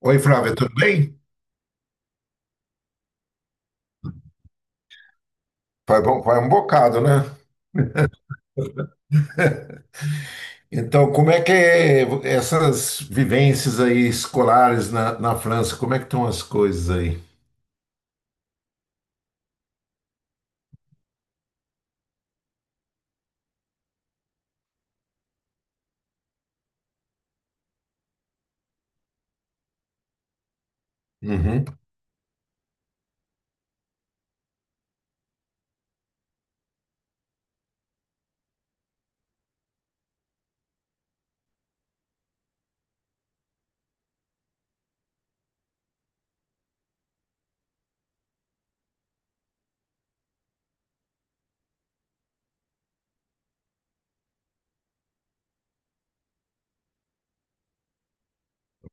Oi, Flávia, tudo bem? Faz um bocado, né? Então, como é que é essas vivências aí escolares na França, como é que estão as coisas aí? Uhum.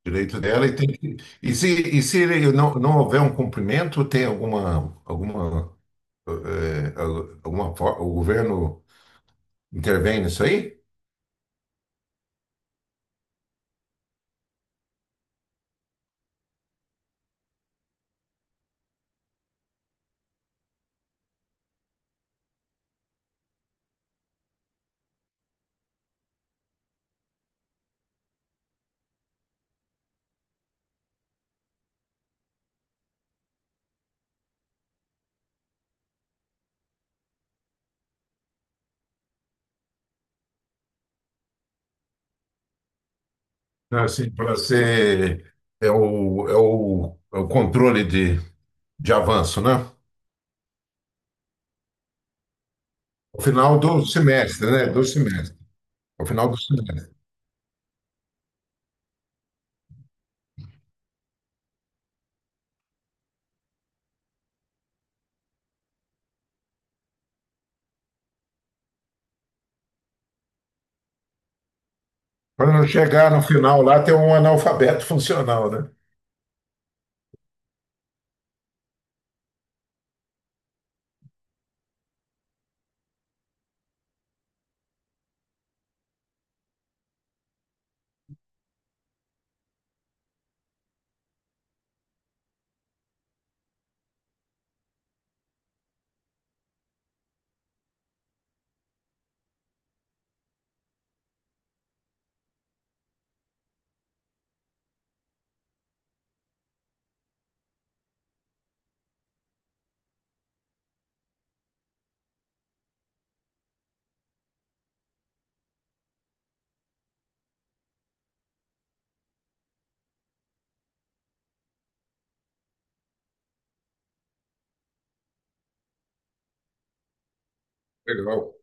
Direito dela e tem que. E se ele não houver um cumprimento, tem eh, alguma, o governo intervém nisso aí? Assim, para ser é o controle de avanço, né? Ao final do semestre, né? Do semestre. Ao final do semestre. Quando eu chegar no final lá, tem um analfabeto funcional, né? Legal.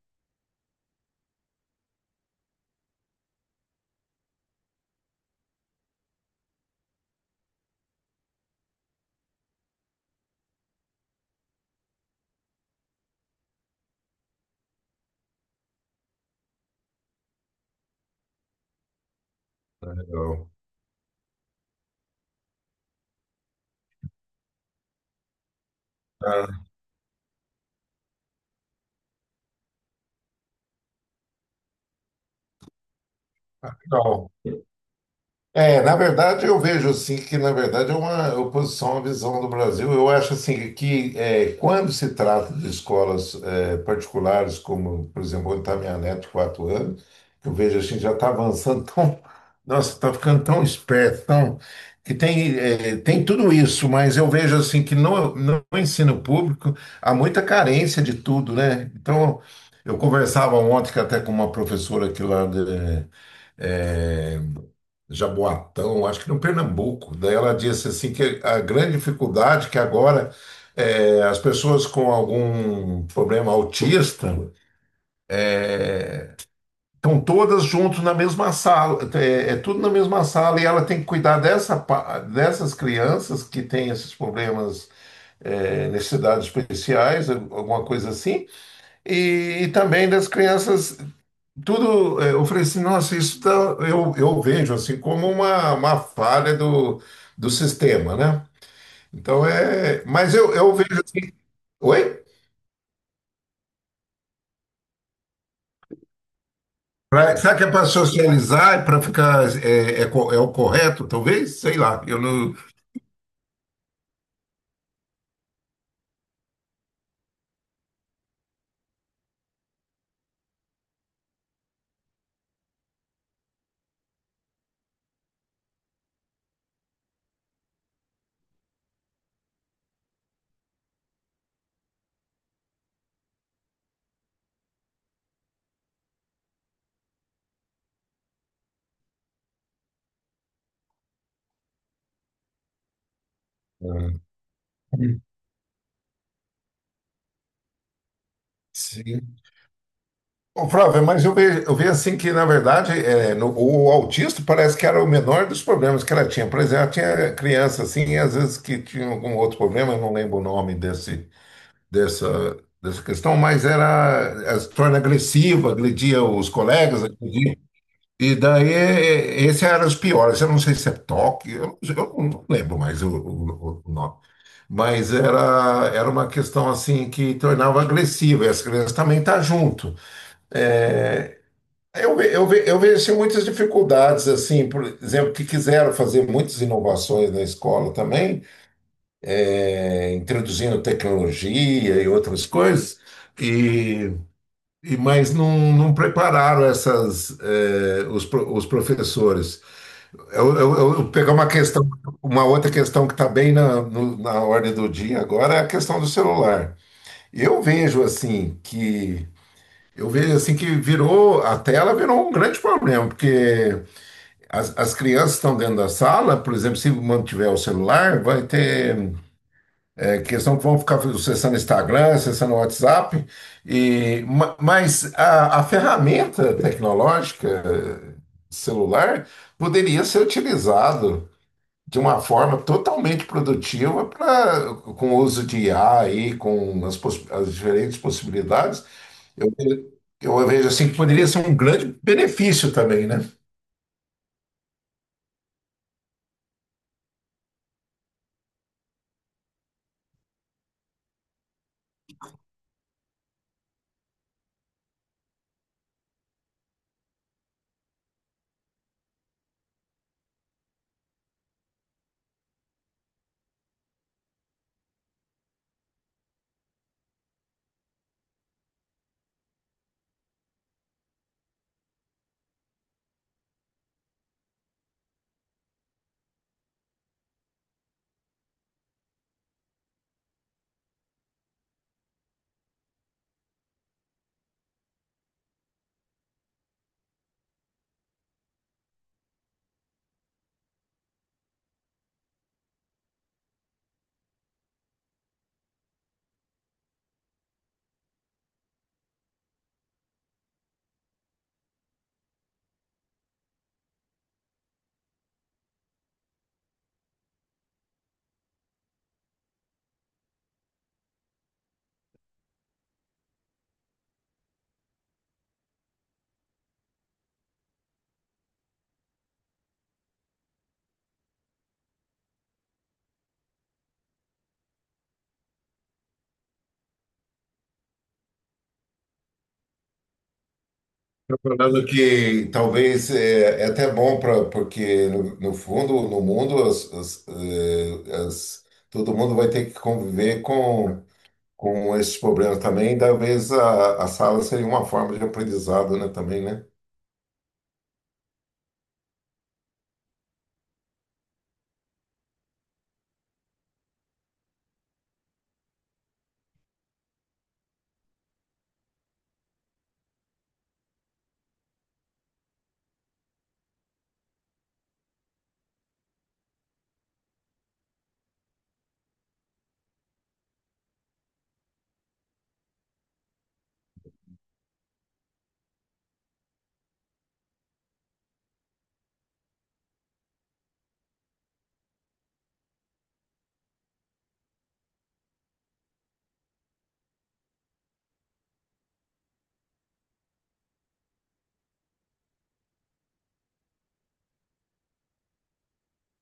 Legal. Ah, legal. É, na verdade, eu vejo assim que, na verdade, é uma oposição à visão do Brasil. Eu acho assim que, é, quando se trata de escolas é, particulares, como, por exemplo, onde está minha neta de 4 anos, que eu vejo assim, já está avançando tão. Nossa, está ficando tão esperto, tão, que tem tudo isso, mas eu vejo assim que no ensino público há muita carência de tudo, né? Então, eu conversava ontem que até com uma professora aqui lá de, é, Jaboatão, acho que no Pernambuco. Daí ela disse assim que a grande dificuldade que agora é, as pessoas com algum problema autista estão todas juntas na mesma sala, é tudo na mesma sala e ela tem que cuidar dessas crianças que têm esses problemas, é, necessidades especiais, alguma coisa assim, e também das crianças tudo, eu falei assim, nossa, isso tá, eu vejo assim como uma falha do sistema, né? Então é. Mas eu vejo assim. Oi? Pra, será que é para socializar, é para ficar. É o correto, talvez? Sei lá. Eu não. Hum. Sim. Ô, Flávio, mas eu vejo assim que, na verdade, o autista parece que era o menor dos problemas que ela tinha. Por exemplo, ela tinha criança assim, e às vezes que tinha algum outro problema, eu não lembro o nome dessa questão, mas era, se torna agressiva, agredia os colegas, agredia. E daí, esses eram os piores. Eu não sei se é toque, eu não lembro mais o nome. Mas era uma questão assim que tornava agressiva, e as crianças também estão junto. Eu vejo assim, muitas dificuldades, assim, por exemplo, que quiseram fazer muitas inovações na escola também, introduzindo tecnologia e outras coisas. E mas não prepararam essas, eh, os, pro- os professores. Eu pegar uma questão, uma outra questão que está bem na, no- na ordem do dia agora é a questão do celular. Eu vejo assim que eu vejo assim que virou a tela virou um grande problema, porque as crianças estão dentro da sala, por exemplo, se mantiver o celular, vai ter é questão que vão ficar acessando Instagram, acessando WhatsApp, mas a ferramenta tecnológica celular poderia ser utilizado de uma forma totalmente produtiva para com o uso de IA e com as diferentes possibilidades. Eu, eu vejo assim que poderia ser um grande benefício também, né? Falando que talvez é até bom para porque no fundo no mundo todo mundo vai ter que conviver com esses problemas também. Talvez a sala seria uma forma de aprendizado, né? Também, né?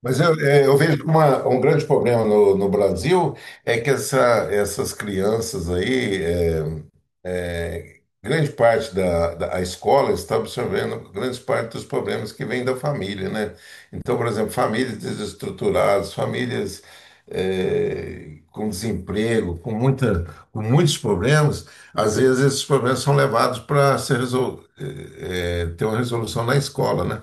Mas eu vejo que um grande problema no Brasil é que essas crianças aí, grande parte da a escola está absorvendo grande parte dos problemas que vêm da família, né? Então, por exemplo, famílias desestruturadas, famílias com desemprego, com muita, com muitos problemas, às vezes esses problemas são levados para ser ter uma resolução na escola, né?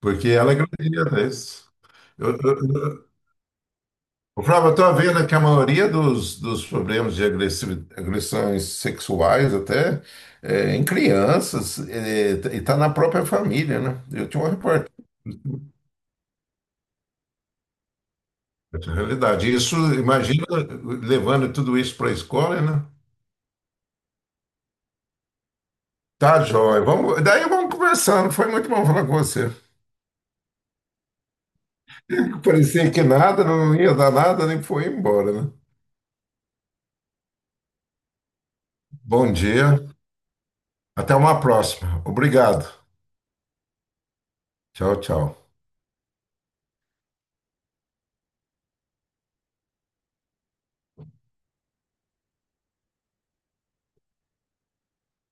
Porque ela acredita isso. Eu, eu, eu, Ô, Flávio, eu estou vendo que a maioria dos problemas de agressões sexuais até em crianças e está na própria família, né? Eu tinha uma reportagem. Na realidade, isso, imagina levando tudo isso para a escola, né? Tá, joia. Vamos, daí vamos conversando. Foi muito bom falar com você. Parecia que nada, não ia dar nada, nem foi embora, né? Bom dia. Até uma próxima. Obrigado. Tchau, tchau.